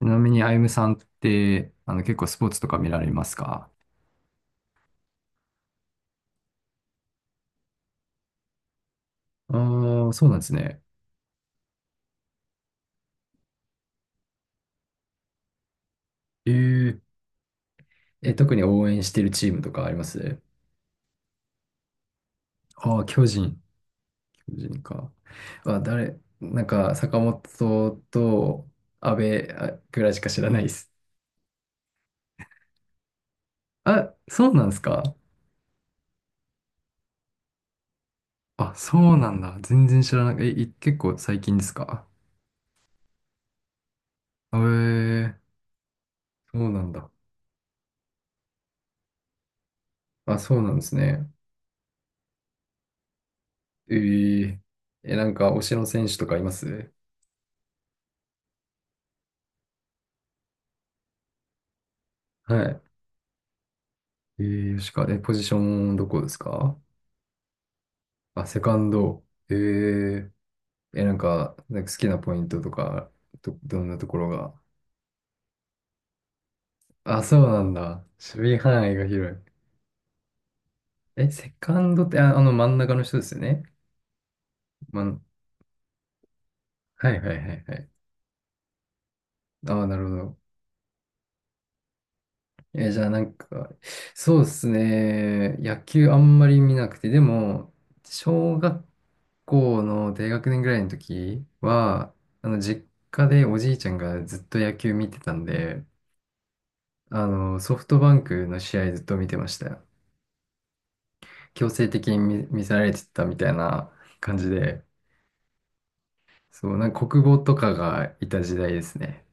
ちなみに、あゆむさんって、結構スポーツとか見られますか？ああー、そうなんですね。えー、え、特に応援してるチームとかあります？ああー、巨人。巨人か。あ、なんか、坂本と阿部あぐらいしか知らないです。あ、そうなんですか？あ、そうなんだ。全然知らない。え、結構最近ですか？えー、そうなんだ。あ、そうなんですね。えー、え、なんか、推しの選手とかいます？はい。えー、吉川、え、ポジションどこですか？あ、セカンド。えー、え、なんか、好きなポイントとか、どんなところが。あ、そうなんだ。守備範囲が広い。え、セカンドって、あ、あの真ん中の人ですよね。まん、はいはいはいはい。ああ、なるほど。え、じゃあなんか、そうですね。野球あんまり見なくて、でも、小学校の低学年ぐらいの時は、あの、実家でおじいちゃんがずっと野球見てたんで、あの、ソフトバンクの試合ずっと見てましたよ。強制的に見せられてたみたいな感じで、そう、なんか国語とかがいた時代ですね。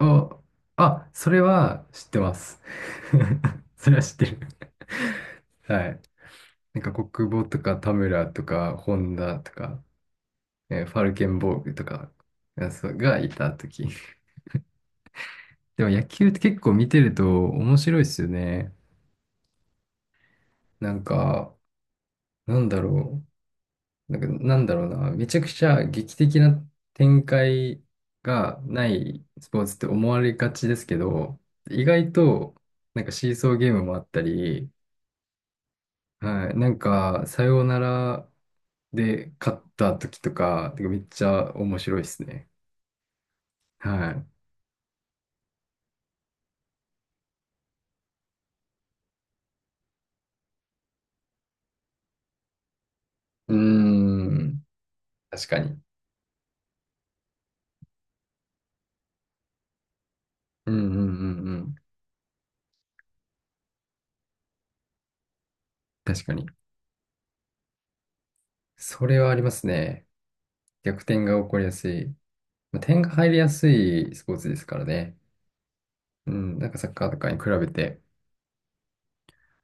お、あ、それは知ってます。それは知ってる。はい。なんか国母とか田村とか本田とか、ファルケンボーグとかそうがいた時。でも野球って結構見てると面白いですよね。なんか、なんだろう。なんか、なんだろうな。めちゃくちゃ劇的な展開がないスポーツって思われがちですけど、意外となんかシーソーゲームもあったり、はい、なんかサヨナラで勝った時とか、てかめっちゃ面白いですね。はい。うーん。確かに。うんうんうんうん。確かに。それはありますね。逆転が起こりやすい。まあ、点が入りやすいスポーツですからね。うん。なんかサッカーとかに比べて。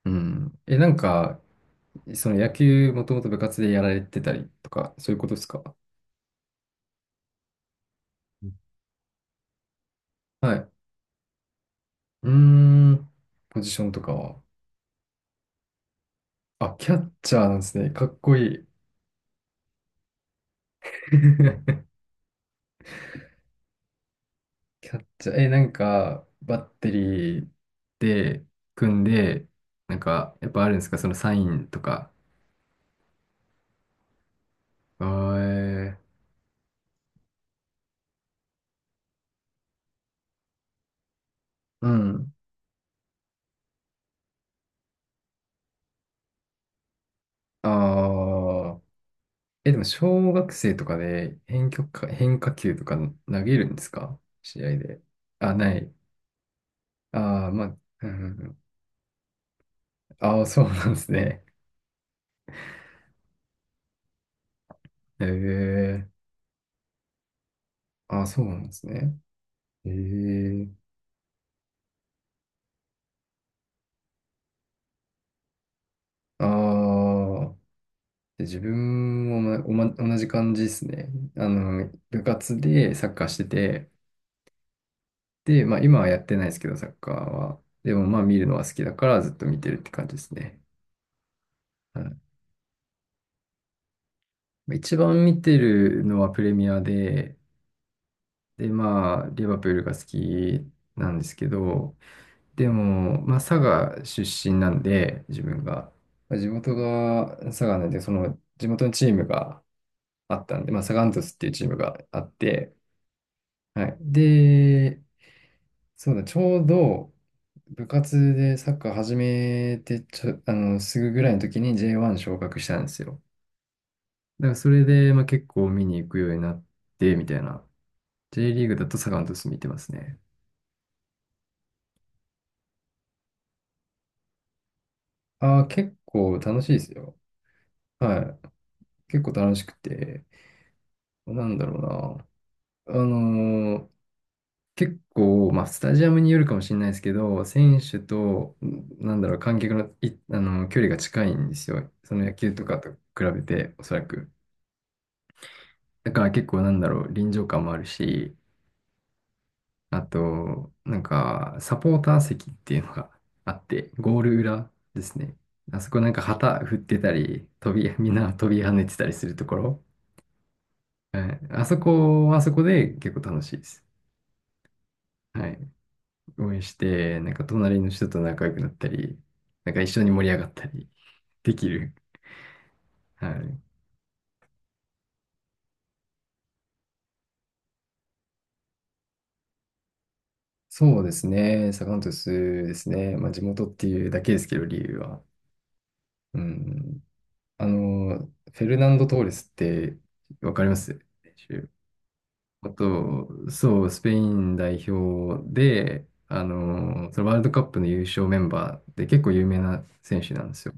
うん。え、なんか、その野球もともと部活でやられてたりとか、そういうことですか？うんはい。うーん。ポジションとかは。あ、キャッチャーなんですね。かっこいい。キャッチャー、え、なんか、バッテリーで組んで、なんか、やっぱあるんですかそのサインとか。あーえーうん。ああ。え、でも、小学生とかで変化球とか投げるんですか試合で。あ、ない。ああ、まあ、うん。ああ、そうなんですね。ええああ、そうなんですね。ええああ。で自分もまおま同じ感じですね。あの、部活でサッカーしてて、で、まあ今はやってないですけど、サッカーは。でもまあ見るのは好きだからずっと見てるって感じですね。はいまあ一番見てるのはプレミアで、でまあリバプールが好きなんですけど、でもまあ佐賀出身なんで、自分が。まあ地元が佐賀なんで、その地元のチームがあったんで、まあサガン鳥栖っていうチームがあって、はい。で、そうだ、ちょうど部活でサッカー始めてあの、すぐぐらいの時に J1 昇格したんですよ。だからそれで、まあ、結構見に行くようになって、みたいな。J リーグだとサガン鳥栖見てますね。ああ、結構楽しいですよ。はい。結構楽しくて。なんだろうな。結構、まあ、スタジアムによるかもしれないですけど、選手と、なんだろう、観客の、あの、距離が近いんですよ。その野球とかと比べて、おそらく。だから結構なんだろう、臨場感もあるし、あと、なんか、サポーター席っていうのがあって、ゴール裏ですね。あそこなんか旗振ってたり、みんな飛び跳ねてたりするところ。はい、あそこはあそこで結構楽しいです。はい。応援して、なんか隣の人と仲良くなったり、なんか一緒に盛り上がったりできる。はい。そうですね。サガン鳥栖ですね。まあ地元っていうだけですけど、理由は。うん。あの、フェルナンド・トーレスってわかります選手？あと、そう、スペイン代表で、あの、そのワールドカップの優勝メンバーで結構有名な選手なんですよ。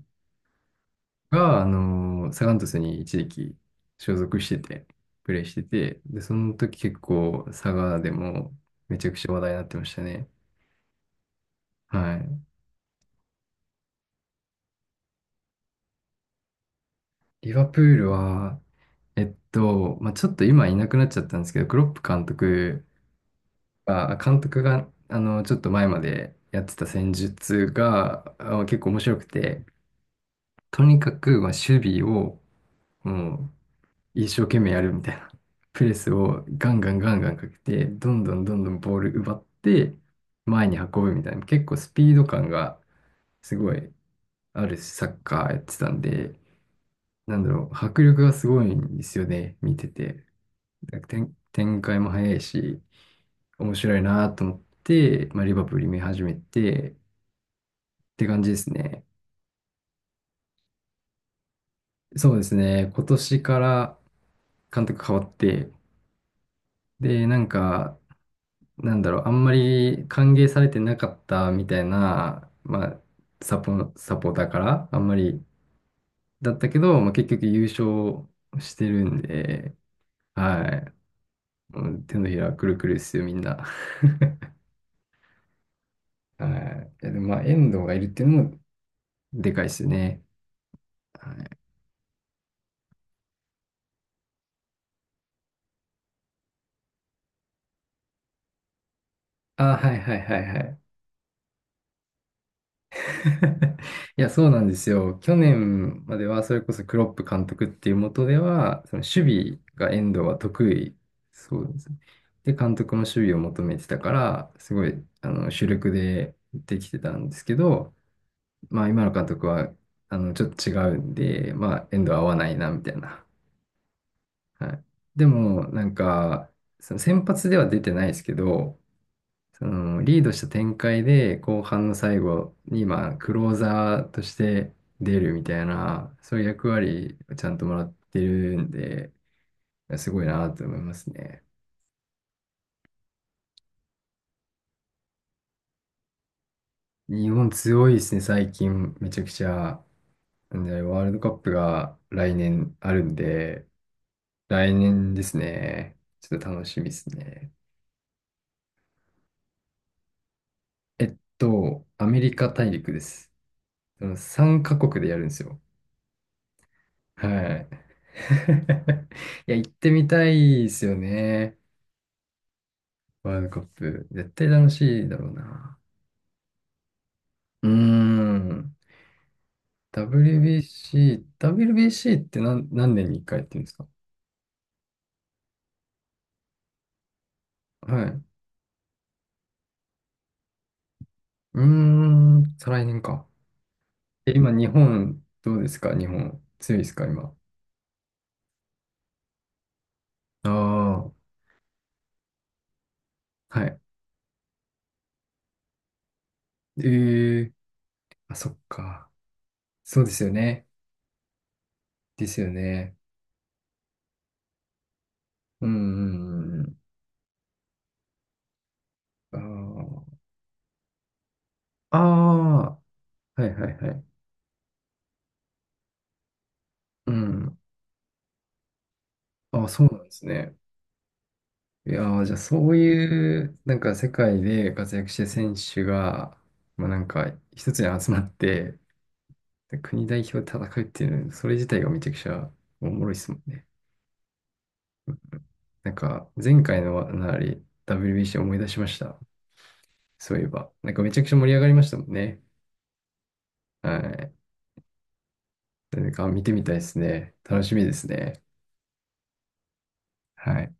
が、あの、サガン鳥栖に一時期所属してて、プレーしてて、で、その時結構佐賀でもめちゃくちゃ話題になってましたね。はい。リバプールは、まあ、ちょっと今いなくなっちゃったんですけど、クロップ監督監督が、あの、ちょっと前までやってた戦術が、結構面白くて、とにかく、まあ、守備を、もう、一生懸命やるみたいな。プレスをガンガンガンガンかけて、どんどんどんどんボール奪って、前に運ぶみたいな。結構スピード感がすごいあるサッカーやってたんで、なんだろう、迫力がすごいんですよね、見てて。なんか展開も早いし、面白いなと思って、まあ、リバプール見始めて、って感じですね。そうですね。今年から監督変わって、で、なんか、なんだろう、あんまり歓迎されてなかったみたいな、まあ、サポーターから、あんまりだったけど、まあ、結局優勝してるんで、はい。もう手のひらくるくるですよ、みんな。はい。いや、でも、まあ、遠藤がいるっていうのもでかいですよね。はい。あ、はいはいはいはい。いや、そうなんですよ。去年までは、それこそクロップ監督っていう下では、その守備が遠藤は得意。そうですね。で、監督も守備を求めてたから、すごい、あの、主力でできてたんですけど、まあ、今の監督は、あの、ちょっと違うんで、まあ、遠藤は合わないな、みたいな。はい。でも、なんか、その先発では出てないですけど、そのリードした展開で後半の最後に、まあ、クローザーとして出るみたいな、そういう役割をちゃんともらってるんで、すごいなと思いますね。日本強いですね、最近。めちゃくちゃ。なんで、ワールドカップが来年あるんで、来年ですね。ちょっと楽しみですね。アメリカ大陸です。その3カ国でやるんですよ。はい。いや、行ってみたいですよね。ワールドカップ。絶対楽しいだろうな。うーん。WBC、WBC って何年に1回やってるんですか？はい。うーん、再来年か。え、今、日本、どうですか日本。強いですか今。ああ、はい。えー、あ、そっか。そうですよね。ですよね。うん、うん、うん。うんああ、ああ、はいはいはい。うんあ、そうなんですね。いやー、じゃあそういう、なんか世界で活躍してる選手が、まあなんか一つに集まって、国代表で戦うっていうの、それ自体がめちゃくちゃおもろいですもんね。なんか前回のWBC 思い出しました。そういえば。なんかめちゃくちゃ盛り上がりましたもんね。はい。なんか見てみたいですね。楽しみですね。はい。